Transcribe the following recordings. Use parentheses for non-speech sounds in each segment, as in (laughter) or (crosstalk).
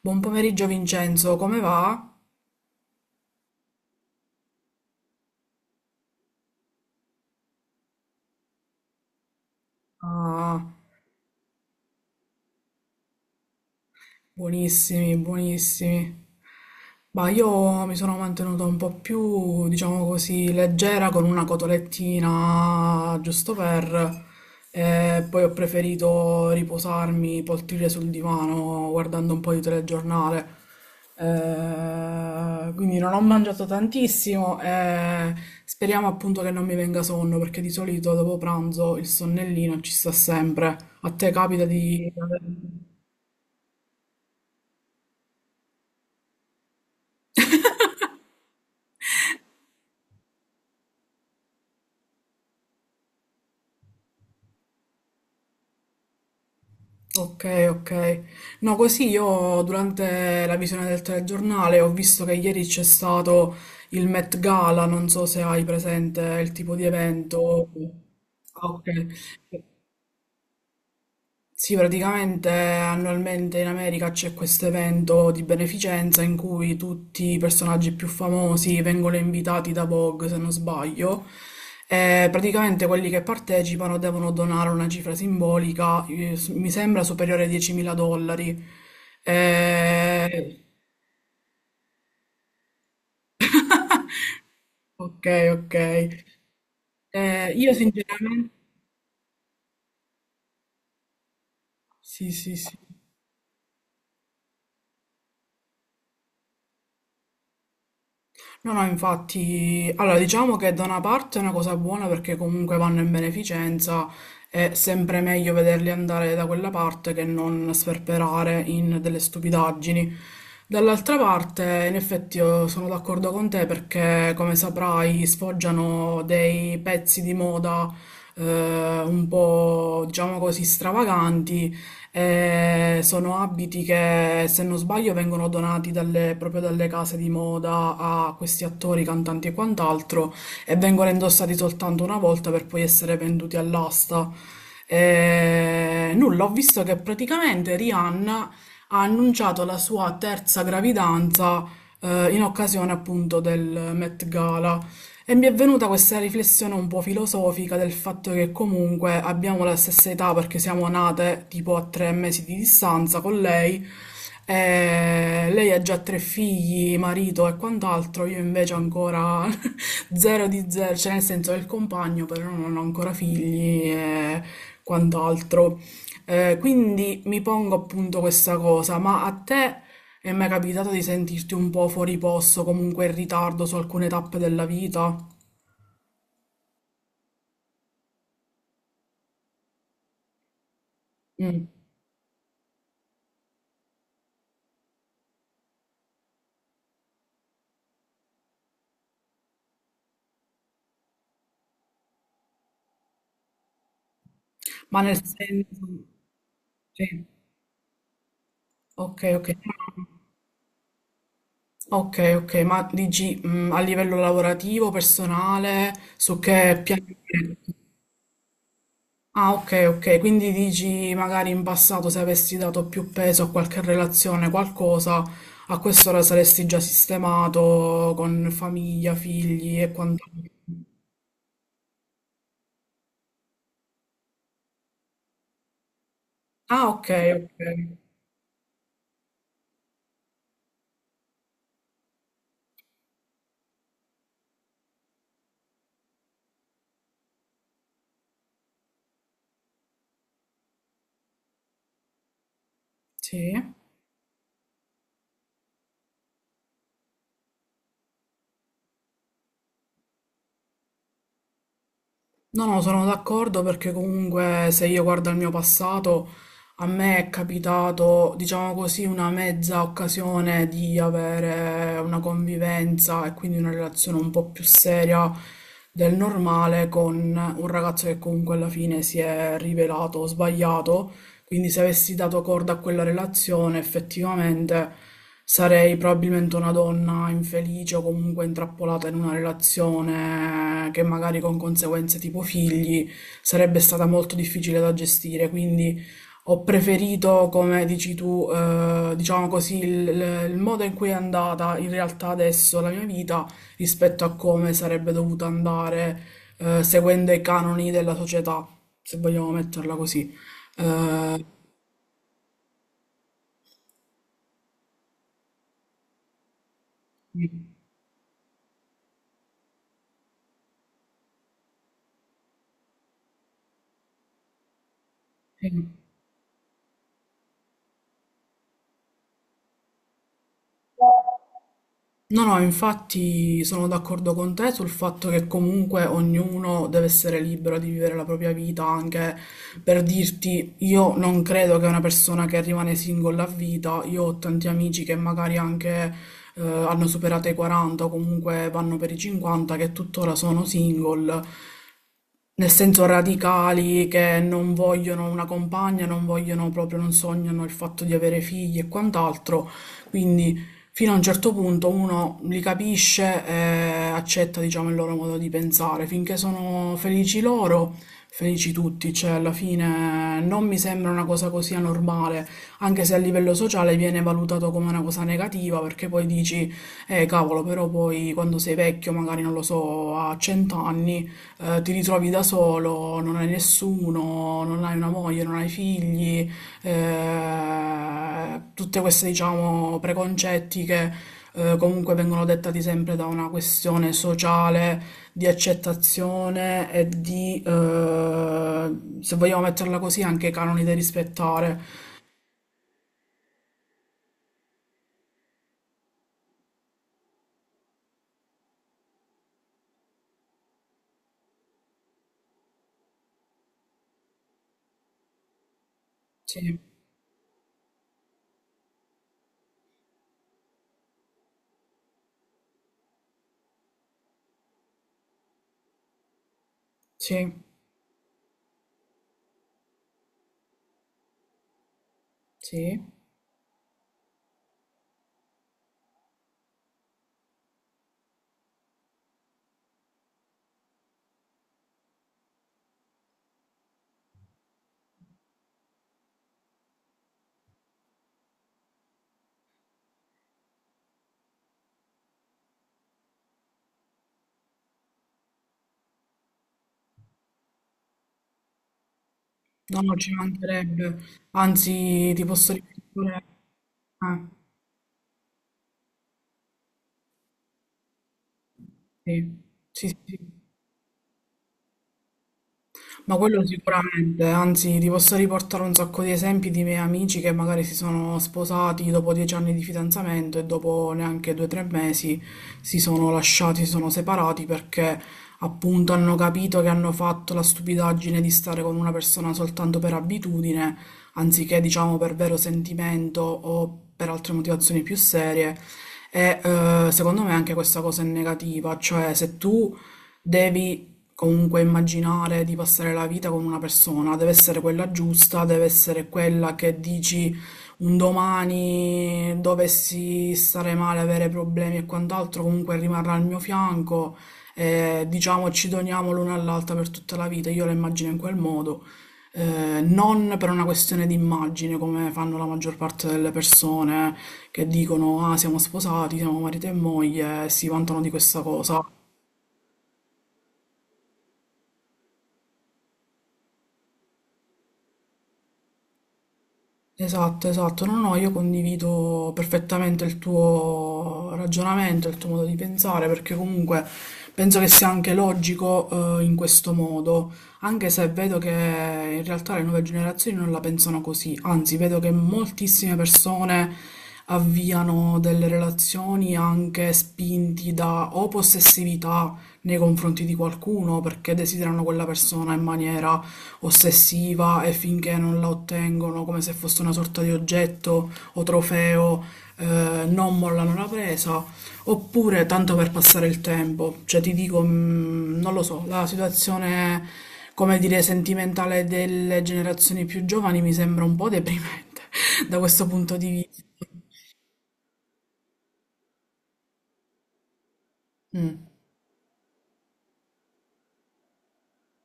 Buon pomeriggio Vincenzo, come va? Ah, buonissimi, buonissimi. Ma io mi sono mantenuta un po' più, diciamo così, leggera con una cotolettina, giusto per. E poi ho preferito riposarmi, poltrire sul divano, guardando un po' di telegiornale. Quindi non ho mangiato tantissimo e speriamo appunto che non mi venga sonno, perché di solito dopo pranzo il sonnellino ci sta sempre. A te capita di. Ok, ok. No, così io durante la visione del telegiornale ho visto che ieri c'è stato il Met Gala, non so se hai presente il tipo di evento. Ah, ok. Sì, praticamente annualmente in America c'è questo evento di beneficenza in cui tutti i personaggi più famosi vengono invitati da Vogue, se non sbaglio, e praticamente quelli che partecipano devono donare una cifra simbolica, mi sembra superiore ai 10.000 dollari. Eh, ok, ok. Io sinceramente. Sì, sì, sì. No, no, infatti, allora diciamo che da una parte è una cosa buona perché comunque vanno in beneficenza, è sempre meglio vederli andare da quella parte che non sperperare in delle stupidaggini. Dall'altra parte, in effetti, io sono d'accordo con te perché, come saprai, sfoggiano dei pezzi di moda un po', diciamo così, stravaganti. Sono abiti che, se non sbaglio, vengono donati proprio dalle case di moda a questi attori, cantanti e quant'altro e vengono indossati soltanto una volta per poi essere venduti all'asta. Nulla, ho visto che praticamente Rihanna ha annunciato la sua terza gravidanza in occasione appunto del Met Gala. E mi è venuta questa riflessione un po' filosofica del fatto che comunque abbiamo la stessa età perché siamo nate tipo a 3 mesi di distanza con lei. E lei ha già tre figli, marito e quant'altro, io invece ancora (laughs) zero di zero, cioè nel senso del compagno, però non ho ancora figli e quant'altro. Quindi mi pongo appunto questa cosa, ma a te e mi è mai capitato di sentirti un po' fuori posto, comunque in ritardo su alcune tappe della vita? Mm. Ma nel senso. Sì. Ok, ok. Ok, ok, ma dici a livello lavorativo, personale, su che piano? Ah, ok, ok, quindi dici magari in passato se avessi dato più peso a qualche relazione, qualcosa, a quest'ora saresti già sistemato con famiglia, figli e quant'altro. Ah, ok, ok. Sì. No, no, sono d'accordo perché comunque se io guardo al mio passato, a me è capitato, diciamo così, una mezza occasione di avere una convivenza e quindi una relazione un po' più seria del normale con un ragazzo che comunque alla fine si è rivelato sbagliato. Quindi se avessi dato corda a quella relazione, effettivamente sarei probabilmente una donna infelice o comunque intrappolata in una relazione che magari con conseguenze tipo figli sarebbe stata molto difficile da gestire. Quindi ho preferito, come dici tu, diciamo così, il modo in cui è andata in realtà adesso la mia vita rispetto a come sarebbe dovuta andare, seguendo i canoni della società, se vogliamo metterla così. Eh, Sì, sì. No, no, infatti sono d'accordo con te sul fatto che comunque ognuno deve essere libero di vivere la propria vita, anche per dirti, io non credo che una persona che rimane single a vita, io ho tanti amici che magari anche hanno superato i 40 o comunque vanno per i 50, che tuttora sono single. Nel senso radicali che non vogliono una compagna, non vogliono proprio, non sognano il fatto di avere figli e quant'altro. Quindi fino a un certo punto uno li capisce e accetta, diciamo, il loro modo di pensare. Finché sono felici loro, felici tutti. Cioè, alla fine non mi sembra una cosa così anormale, anche se a livello sociale viene valutato come una cosa negativa, perché poi dici, cavolo, però poi quando sei vecchio, magari non lo so, a 100 anni ti ritrovi da solo, non hai nessuno, non hai una moglie, non hai figli, tutte queste, diciamo, preconcetti che comunque vengono dettati sempre da una questione sociale di accettazione e di, se vogliamo metterla così, anche canoni da rispettare. Sì, sì, sì. No, non ci mancherebbe. Anzi, ti posso ripetere. Ah, sì, sì, sì, sì. Ma quello sicuramente, anzi, ti posso riportare un sacco di esempi di miei amici che magari si sono sposati dopo 10 anni di fidanzamento e dopo neanche 2 o 3 mesi si sono lasciati, si sono separati perché appunto hanno capito che hanno fatto la stupidaggine di stare con una persona soltanto per abitudine, anziché diciamo per vero sentimento o per altre motivazioni più serie. E secondo me anche questa cosa è negativa, cioè se tu devi comunque immaginare di passare la vita con una persona, deve essere quella giusta, deve essere quella che dici un domani dovessi stare male, avere problemi e quant'altro, comunque rimarrà al mio fianco e diciamo ci doniamo l'una all'altra per tutta la vita, io la immagino in quel modo. Non per una questione di immagine, come fanno la maggior parte delle persone che dicono: Ah, siamo sposati, siamo marito e moglie, e si vantano di questa cosa. Esatto, esatto. No, no, io condivido perfettamente il tuo ragionamento, il tuo modo di pensare, perché comunque penso che sia anche logico, in questo modo, anche se vedo che in realtà le nuove generazioni non la pensano così, anzi, vedo che moltissime persone avviano delle relazioni anche spinti da o possessività nei confronti di qualcuno perché desiderano quella persona in maniera ossessiva e finché non la ottengono come se fosse una sorta di oggetto o trofeo, non mollano la presa, oppure tanto per passare il tempo. Cioè ti dico, non lo so, la situazione, come dire, sentimentale delle generazioni più giovani mi sembra un po' deprimente (laughs) da questo punto di vista. Mm,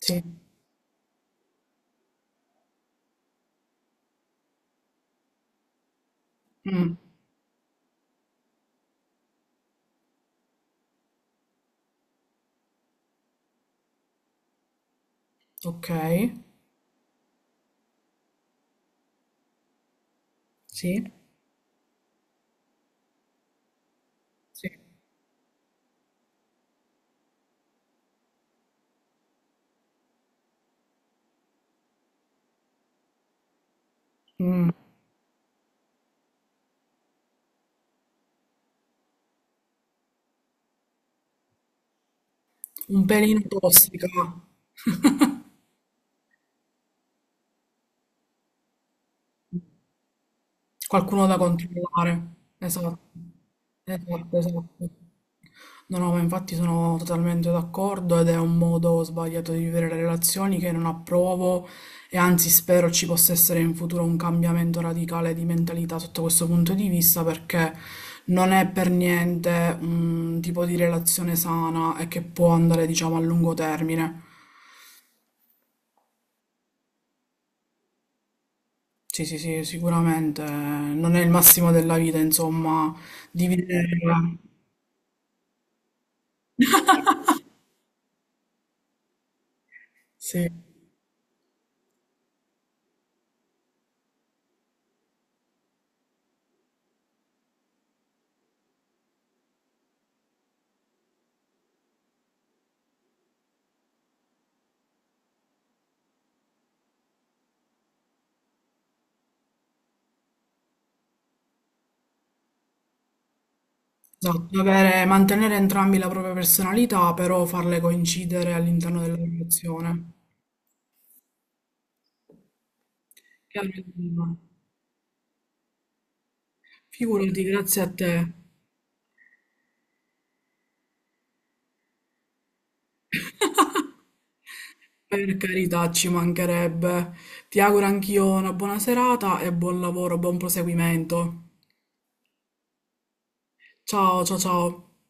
sì, mm, ok, sì, sì. Mm, un pelino tossica. (laughs) Qualcuno da controllare. Esatto. Esatto, esatto. No, no, ma infatti sono totalmente d'accordo ed è un modo sbagliato di vivere le relazioni che non approvo e anzi spero ci possa essere in futuro un cambiamento radicale di mentalità sotto questo punto di vista perché non è per niente un tipo di relazione sana e che può andare, diciamo, a lungo termine. Sì, sì, sì, sicuramente non è il massimo della vita, insomma, dividere. Sì. Esatto, avere, mantenere entrambi la propria personalità, però farle coincidere all'interno della relazione. Carolina, figurati, grazie a te. Per carità, ci mancherebbe. Ti auguro anch'io una buona serata e buon lavoro, buon proseguimento. Ciao, ciao, ciao.